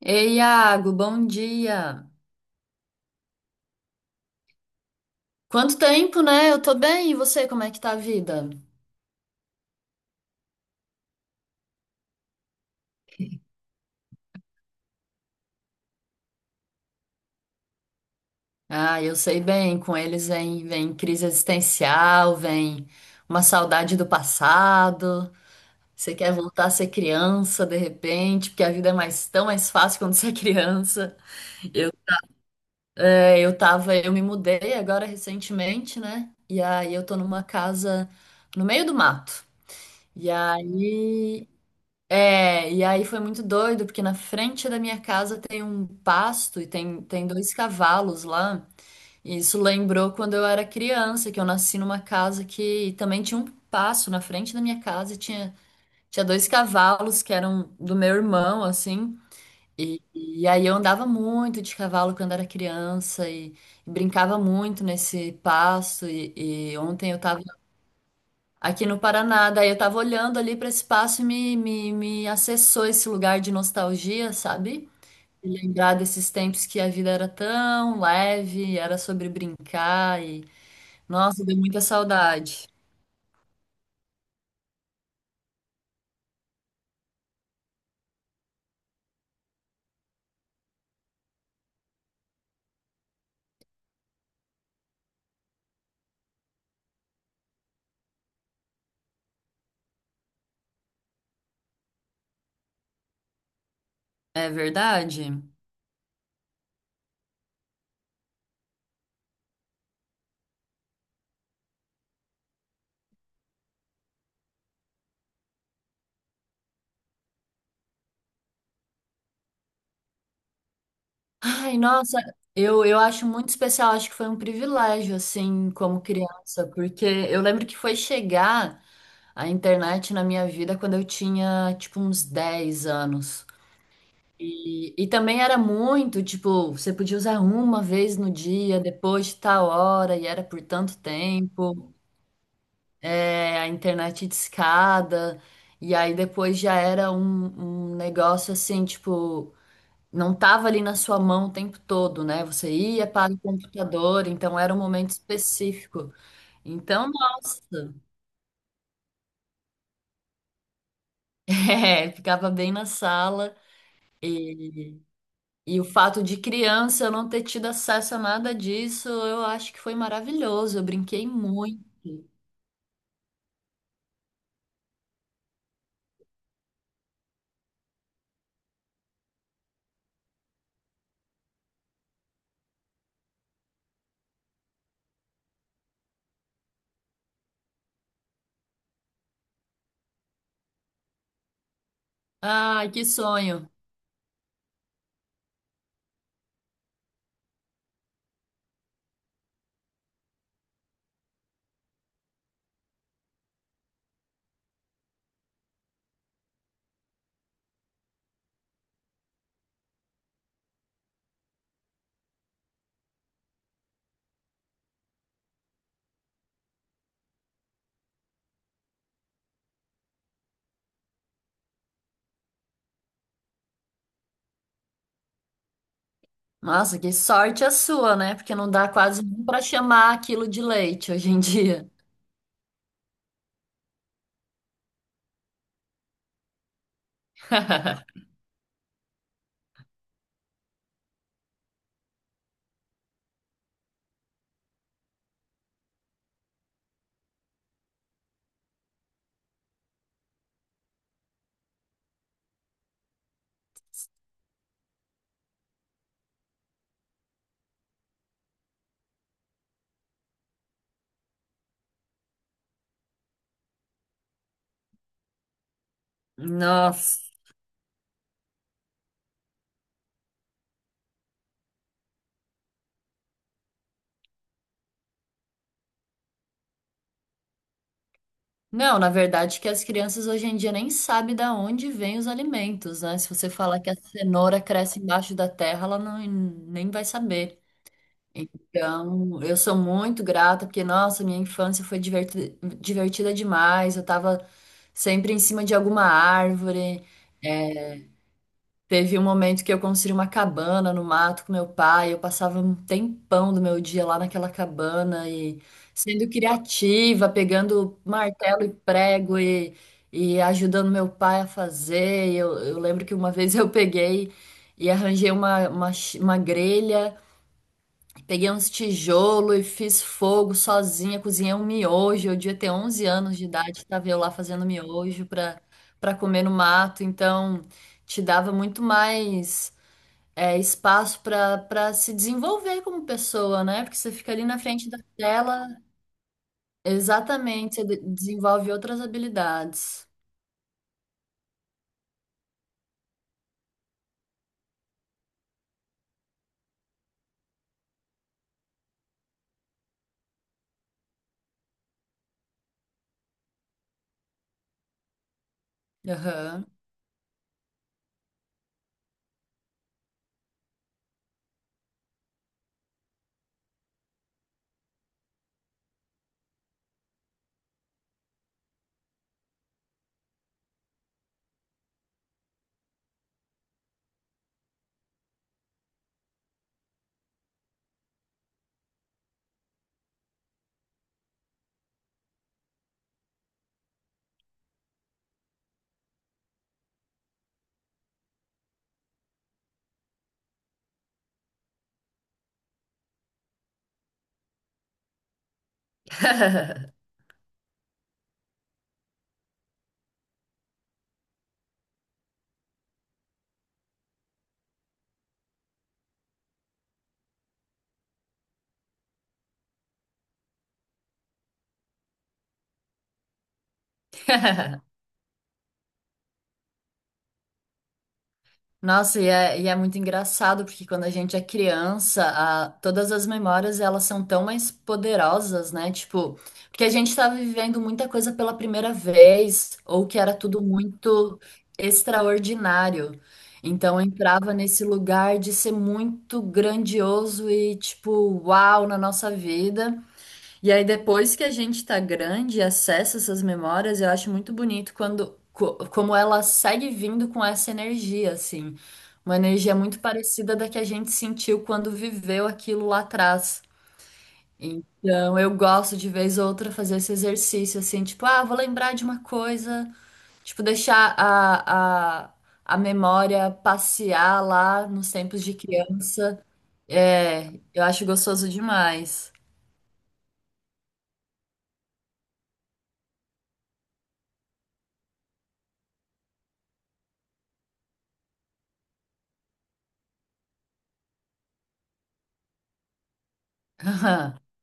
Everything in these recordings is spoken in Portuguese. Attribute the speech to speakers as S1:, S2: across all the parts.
S1: Ei, Iago, bom dia. Quanto tempo, né? Eu tô bem, e você, como é que tá a vida? Ah, eu sei bem, com eles vem, vem crise existencial, vem uma saudade do passado. Você quer voltar a ser criança de repente, porque a vida é mais tão mais fácil quando você é criança. Eu, é, eu tava, Eu me mudei agora recentemente, né? E aí eu tô numa casa no meio do mato. E aí É, e aí foi muito doido, porque na frente da minha casa tem um pasto e tem dois cavalos lá. E isso lembrou quando eu era criança, que eu nasci numa casa que também tinha um pasto na frente da minha casa e tinha dois cavalos que eram do meu irmão, assim. E aí eu andava muito de cavalo quando era criança e brincava muito nesse pasto. E ontem eu tava aqui no Paraná. Daí eu tava olhando ali para esse espaço e me acessou esse lugar de nostalgia, sabe? E lembrar desses tempos que a vida era tão leve, era sobre brincar e. Nossa, deu muita saudade. É verdade? Ai, nossa, eu acho muito especial, acho que foi um privilégio, assim, como criança, porque eu lembro que foi chegar a internet na minha vida quando eu tinha, tipo, uns 10 anos. E também era muito, tipo, você podia usar uma vez no dia, depois de tal hora, e era por tanto tempo. É, a internet discada, e aí depois já era um negócio assim, tipo, não tava ali na sua mão o tempo todo, né? Você ia para o computador, então era um momento específico. Então, nossa, é, ficava bem na sala. E o fato de criança eu não ter tido acesso a nada disso, eu acho que foi maravilhoso. Eu brinquei muito. Ai, que sonho. Nossa, que sorte a sua, né? Porque não dá quase nem pra chamar aquilo de leite hoje em dia. Nossa. Não, na verdade que as crianças hoje em dia nem sabem da onde vêm os alimentos, né? Se você falar que a cenoura cresce embaixo da terra, ela não, nem vai saber. Então, eu sou muito grata, porque, nossa, minha infância foi divertida, divertida demais. Eu tava sempre em cima de alguma árvore. Teve um momento que eu construí uma cabana no mato com meu pai. Eu passava um tempão do meu dia lá naquela cabana e sendo criativa, pegando martelo e prego e ajudando meu pai a fazer. E eu lembro que uma vez eu peguei e arranjei uma grelha. Peguei uns tijolos e fiz fogo sozinha, cozinhei um miojo. Eu devia ter 11 anos de idade, tava eu lá fazendo miojo para comer no mato. Então, te dava muito mais é, espaço para se desenvolver como pessoa, né? Porque você fica ali na frente da tela, exatamente, você desenvolve outras habilidades. Aham. Nossa, e é muito engraçado, porque quando a gente é criança, todas as memórias elas são tão mais poderosas, né? Tipo, porque a gente tá vivendo muita coisa pela primeira vez, ou que era tudo muito extraordinário. Então eu entrava nesse lugar de ser muito grandioso e, tipo, uau na nossa vida. E aí, depois que a gente tá grande e acessa essas memórias, eu acho muito bonito quando, como ela segue vindo com essa energia, assim. Uma energia muito parecida da que a gente sentiu quando viveu aquilo lá atrás. Então, eu gosto de vez ou outra fazer esse exercício, assim, tipo, ah, vou lembrar de uma coisa, tipo, deixar a memória passear lá nos tempos de criança. É, eu acho gostoso demais.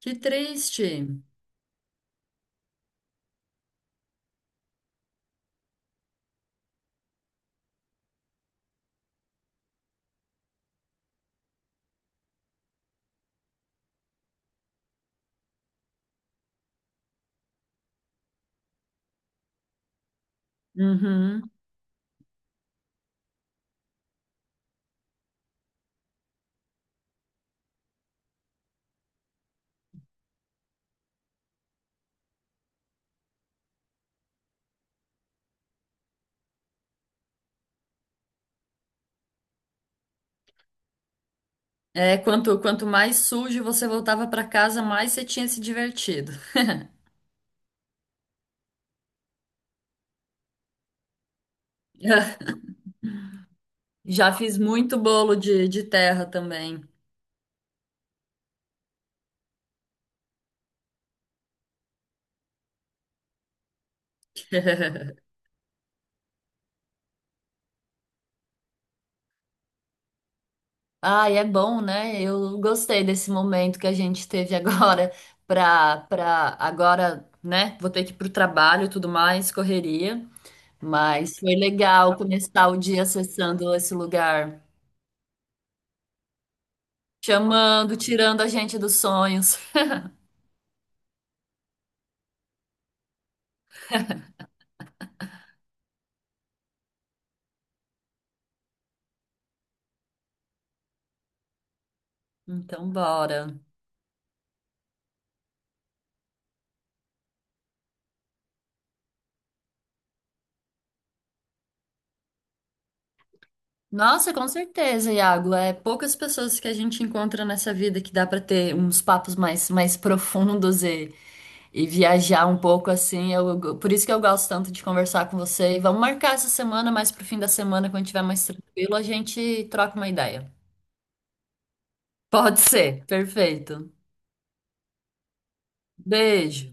S1: Que triste. Uhum. É, quanto mais sujo você voltava para casa, mais você tinha se divertido. Já fiz muito bolo de terra também. Ai, é bom, né? Eu gostei desse momento que a gente teve agora pra agora, né? Vou ter que ir pro trabalho, e tudo mais, correria, mas foi legal começar o dia acessando esse lugar, chamando, tirando a gente dos sonhos. Então, bora. Nossa, com certeza, Iago. É poucas pessoas que a gente encontra nessa vida que dá pra ter uns papos mais profundos e viajar um pouco assim. Por isso que eu gosto tanto de conversar com você. E vamos marcar essa semana, mais pro fim da semana, quando tiver mais tranquilo, a gente troca uma ideia. Pode ser, perfeito. Beijo.